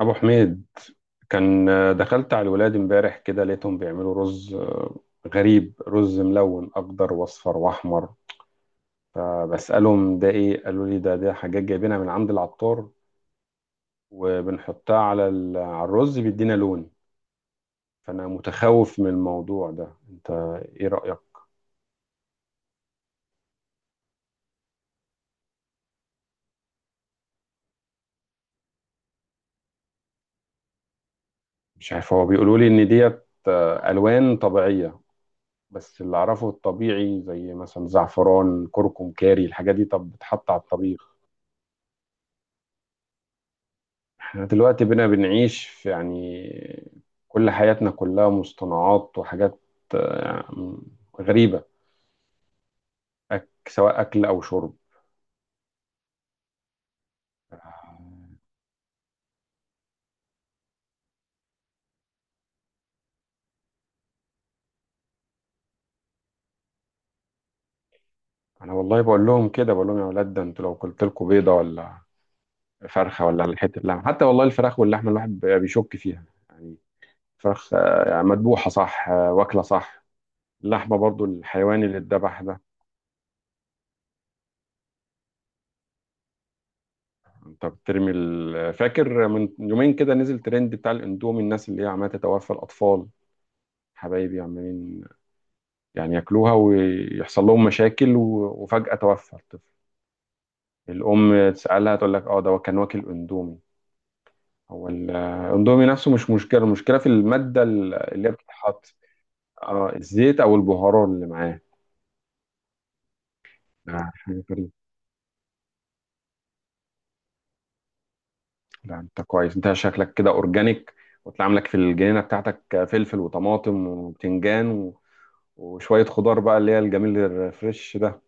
ابو حميد كان دخلت على الولاد امبارح كده، لقيتهم بيعملوا رز غريب. رز ملون، اخضر واصفر واحمر. فبسالهم ده ايه؟ قالوا لي ده حاجات جايبينها من عند العطار، وبنحطها على الرز، بيدينا لون. فانا متخوف من الموضوع ده، انت ايه رايك؟ مش عارف، هو بيقولوا لي ان ديت الوان طبيعيه، بس اللي اعرفه الطبيعي زي مثلا زعفران، كركم، كاري، الحاجات دي طب بتحط على الطبيخ. احنا دلوقتي بقينا بنعيش في، يعني، كل حياتنا كلها مصطنعات وحاجات آه، غريبة. سواء أكل أو شرب. آه، أنا والله بقول لهم كده، بقول لهم: يا ولاد، ده أنتوا لو قلت لكم بيضة ولا فرخة ولا حتة لحمة، حتى والله الفراخ واللحمة الواحد بيشك فيها. يعني فراخ، يعني مذبوحة صح، واكلة صح. اللحمة برضو الحيوان اللي اتذبح ده. انت بترمي فاكر من يومين كده نزل ترند بتاع الاندومي، الناس اللي هي عمالة تتوفى الأطفال حبايبي، عمالين يعني ياكلوها ويحصل لهم مشاكل و- وفجأة توفى الطفل. الأم تسألها تقول لك اه ده كان واكل اندومي. هو الاندومي نفسه مش مشكلة، المشكلة في المادة اللي هي بتتحط. اه، الزيت أو البهارات اللي معاه. لا، حاجة غريبة. لا، أنت كويس، أنت شكلك كده أورجانيك، وتلاقي عاملك في الجنينة بتاعتك فلفل وطماطم وبتنجان و- وشوية خضار بقى، اللي هي الجميل الفريش ده.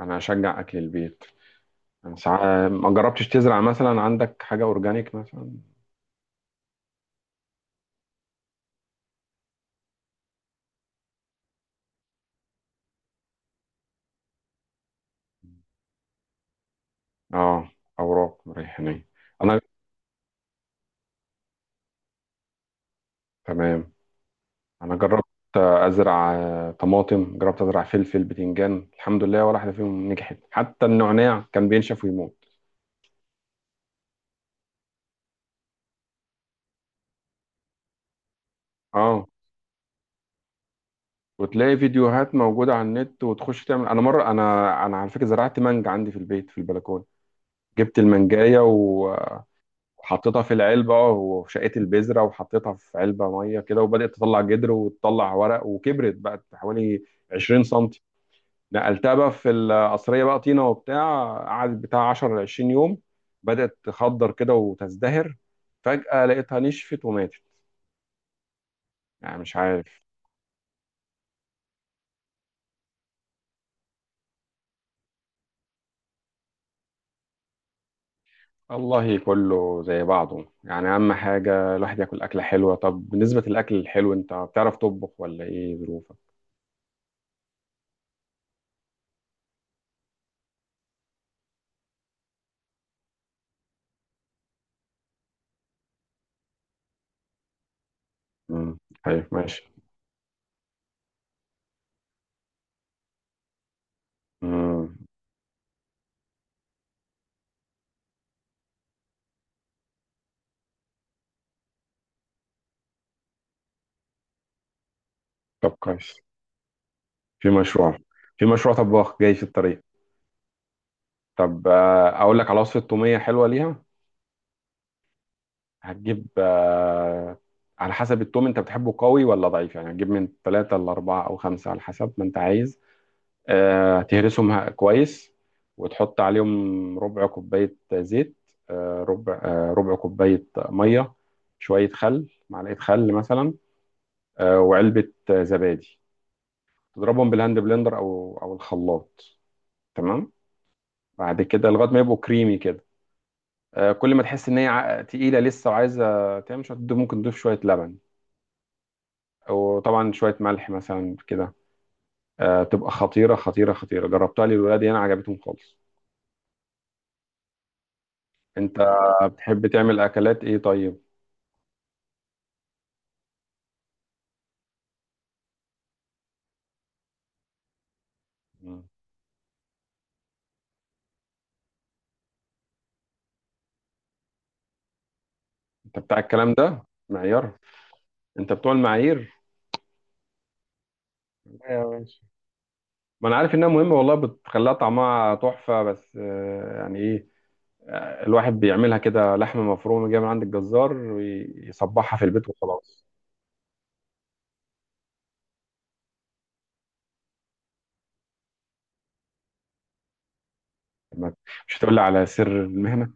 أنا أشجع أكل البيت. ما جربتش تزرع مثلا عندك حاجة أورجانيك مثلا؟ اه، أوراق ريحانية. أنا تمام، أنا جربت أزرع طماطم، جربت أزرع فلفل، بتنجان، الحمد لله ولا واحدة فيهم نجحت، حتى النعناع كان بينشف ويموت. اه، وتلاقي فيديوهات موجودة على النت وتخش تعمل. أنا مرة، أنا على فكرة زرعت مانجا عندي في البيت، في البلكونة. جبت المانجاية وحطيتها في العلبة، وشقيت البذرة وحطيتها في علبة مية كده، وبدأت تطلع جدر وتطلع ورق، وكبرت بقت حوالي 20 سنتي. نقلتها بقى في القصرية، بقى طينة وبتاع، قعدت بتاع 10 ل 20 يوم. بدأت تخضر كده وتزدهر، فجأة لقيتها نشفت وماتت، يعني مش عارف. والله كله زي بعضه، يعني أهم حاجة الواحد ياكل أكلة حلوة. طب بالنسبة للأكل الحلو، أنت بتعرف تطبخ ولا إيه ظروفك؟ امم. طيب، ماشي. امم. طب كويس. في مشروع، في مشروع طباخ جاي في الطريق. طب، اقول لك على وصفة تومية حلوة ليها. هتجيب على حسب التوم انت بتحبه قوي ولا ضعيف، يعني هتجيب من ثلاثة لأربعة أو خمسة على حسب ما انت عايز. تهرسهم كويس، وتحط عليهم ربع كوباية زيت. ربع كوباية مية، شوية خل، معلقة خل مثلا. وعلبة زبادي. تضربهم بالهاند بلندر أو الخلاط. تمام. بعد كده لغاية ما يبقوا كريمي كده. كل ما تحس ان هي تقيله لسه، وعايزه تعمل شويه، ممكن تضيف شويه لبن، او طبعا شويه ملح مثلا كده. تبقى خطيره خطيره خطيره، جربتها للولاد انا عجبتهم خالص. انت بتحب تعمل اكلات ايه طيب؟ مم. انت بتاع الكلام ده؟ معيار؟ انت بتوع المعايير؟ لا يا باشا، ما انا عارف انها مهمه والله، بتخليها طعمها تحفه، بس يعني ايه، الواحد بيعملها كده لحمه مفرومه جايه من عند الجزار ويصبحها في البيت وخلاص. ما- مش هتقول لي على سر المهنه؟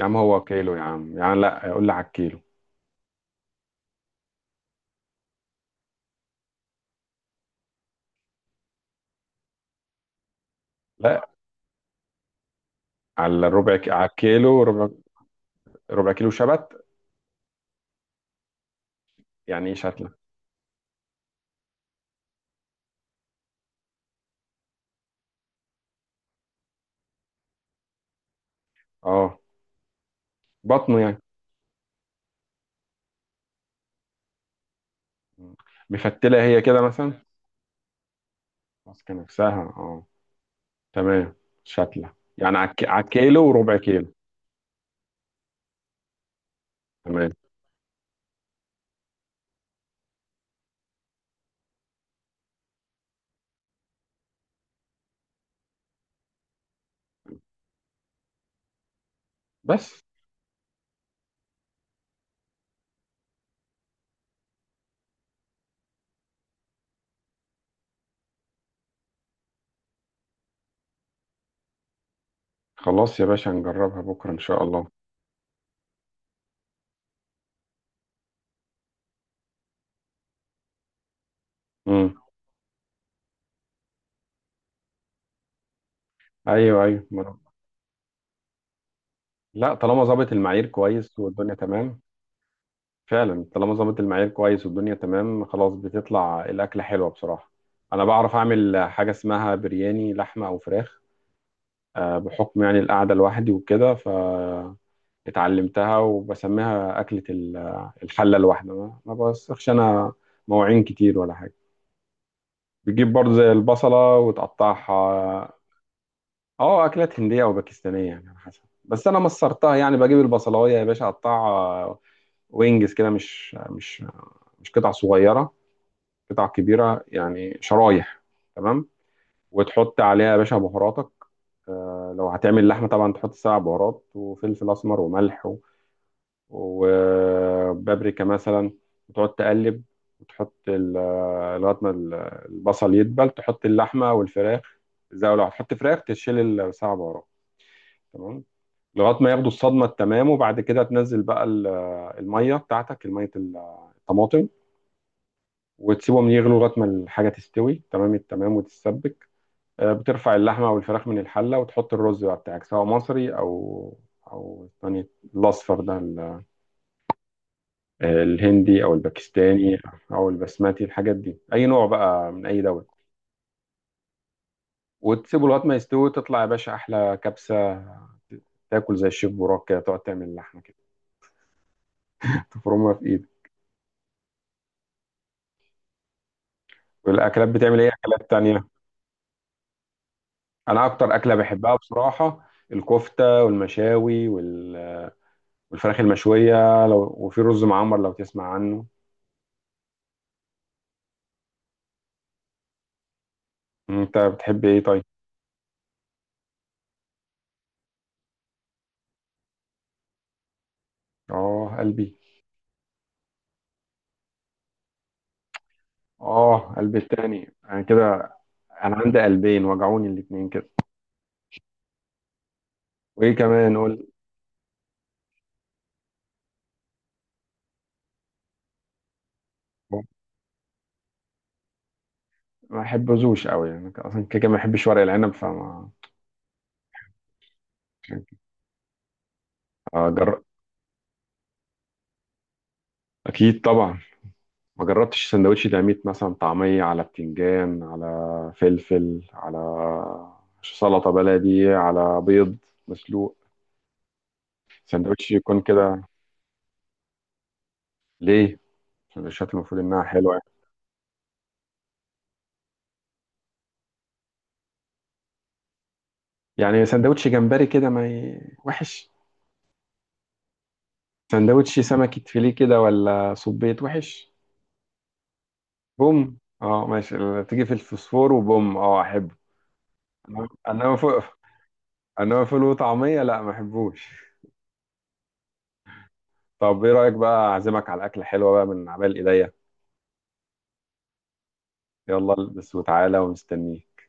يا عم هو كيلو، يا عم يعني، لا قول لي على الكيلو. لا، على الكيلو ربع. ربع كيلو شبت. يعني ايه شتلة؟ اه، بطنه يعني. مفتلة هي كده مثلا؟ ماسكة نفسها، اه تمام. شتلة يعني على الكيلو وربع كيلو. تمام. بس. خلاص يا باشا، هنجربها بكرة ان شاء الله. امم. ايوه، ايوه، ما أنا- لا، طالما ظابط المعايير كويس والدنيا تمام. فعلا، طالما ظبط المعيار كويس والدنيا تمام، خلاص بتطلع الأكلة حلوة بصراحة. أنا بعرف أعمل حاجة اسمها برياني لحمة أو فراخ. بحكم يعني القعدة لوحدي وكده، فاتعلمتها وبسميها أكلة الحلة الواحدة، ما بوسخش أنا مواعين كتير ولا حاجة. بتجيب برضه زي البصلة وتقطعها. اه، أكلات هندية أو باكستانية يعني على حسب، بس أنا مصرتها يعني. بجيب البصلاية يا باشا أقطعها، وينجز كده، مش قطع صغيرة، قطع كبيره يعني، شرايح. تمام. وتحط عليها يا باشا بهاراتك، لو هتعمل لحمه طبعا تحط سبع بهارات وفلفل اسمر وملح و- وبابريكا مثلا، وتقعد تقلب. وتحط ال- آه، لغايه ما البصل يدبل، تحط اللحمه والفراخ. زي لو هتحط فراخ تشيل السبع بهارات. تمام. لغايه ما ياخدوا الصدمه التمام، وبعد كده تنزل بقى الميه بتاعتك، الميه الطماطم، وتسيبهم يغلوا لغايه ما الحاجه تستوي تمام التمام وتتسبك. بترفع اللحمة والفراخ من الحلة، وتحط الرز بقى بتاعك، سواء مصري أو الثاني، الأصفر ده الهندي أو الباكستاني، أو البسماتي، الحاجات دي أي نوع بقى من أي دولة. وتسيبه لغاية ما يستوي، تطلع يا باشا أحلى كبسة. تاكل زي الشيف براك كده، تقعد تعمل اللحمة كده، تفرمها في إيدك. والأكلات، بتعمل إيه أكلات تانية؟ أنا أكتر أكلة بحبها بصراحة الكفتة والمشاوي وال- والفراخ المشوية، لو وفي رز معمر لو تسمع عنه. أنت بتحب إيه طيب؟ اه، قلبي. اه، قلبي التاني انا كده. انا عندي قلبين وجعوني الاتنين كده. وايه كمان، قول. ما بحبوش قوي يعني، اصلا كده كده ما بحبش ورق العنب فما. أجر... اكيد طبعا. ما جربتش سندوتش ديناميت مثلا، طعمية على بتنجان على فلفل على سلطة بلدي على بيض مسلوق؟ سندوتش يكون كده ليه؟ السندوتشات المفروض انها حلوة. يعني سندوتش جمبري كده ما ي... وحش؟ سندوتش سمكة فيليه كده ولا صبيت وحش؟ بوم، اه ماشي، تيجي في الفوسفور وبوم، اه احبه. إنما فوق، انما فول وطعمية، لا ما احبوش. طب ايه رأيك بقى، اعزمك على اكلة حلوة بقى من عمال ايديا؟ يلا البس وتعالى ومستنيك.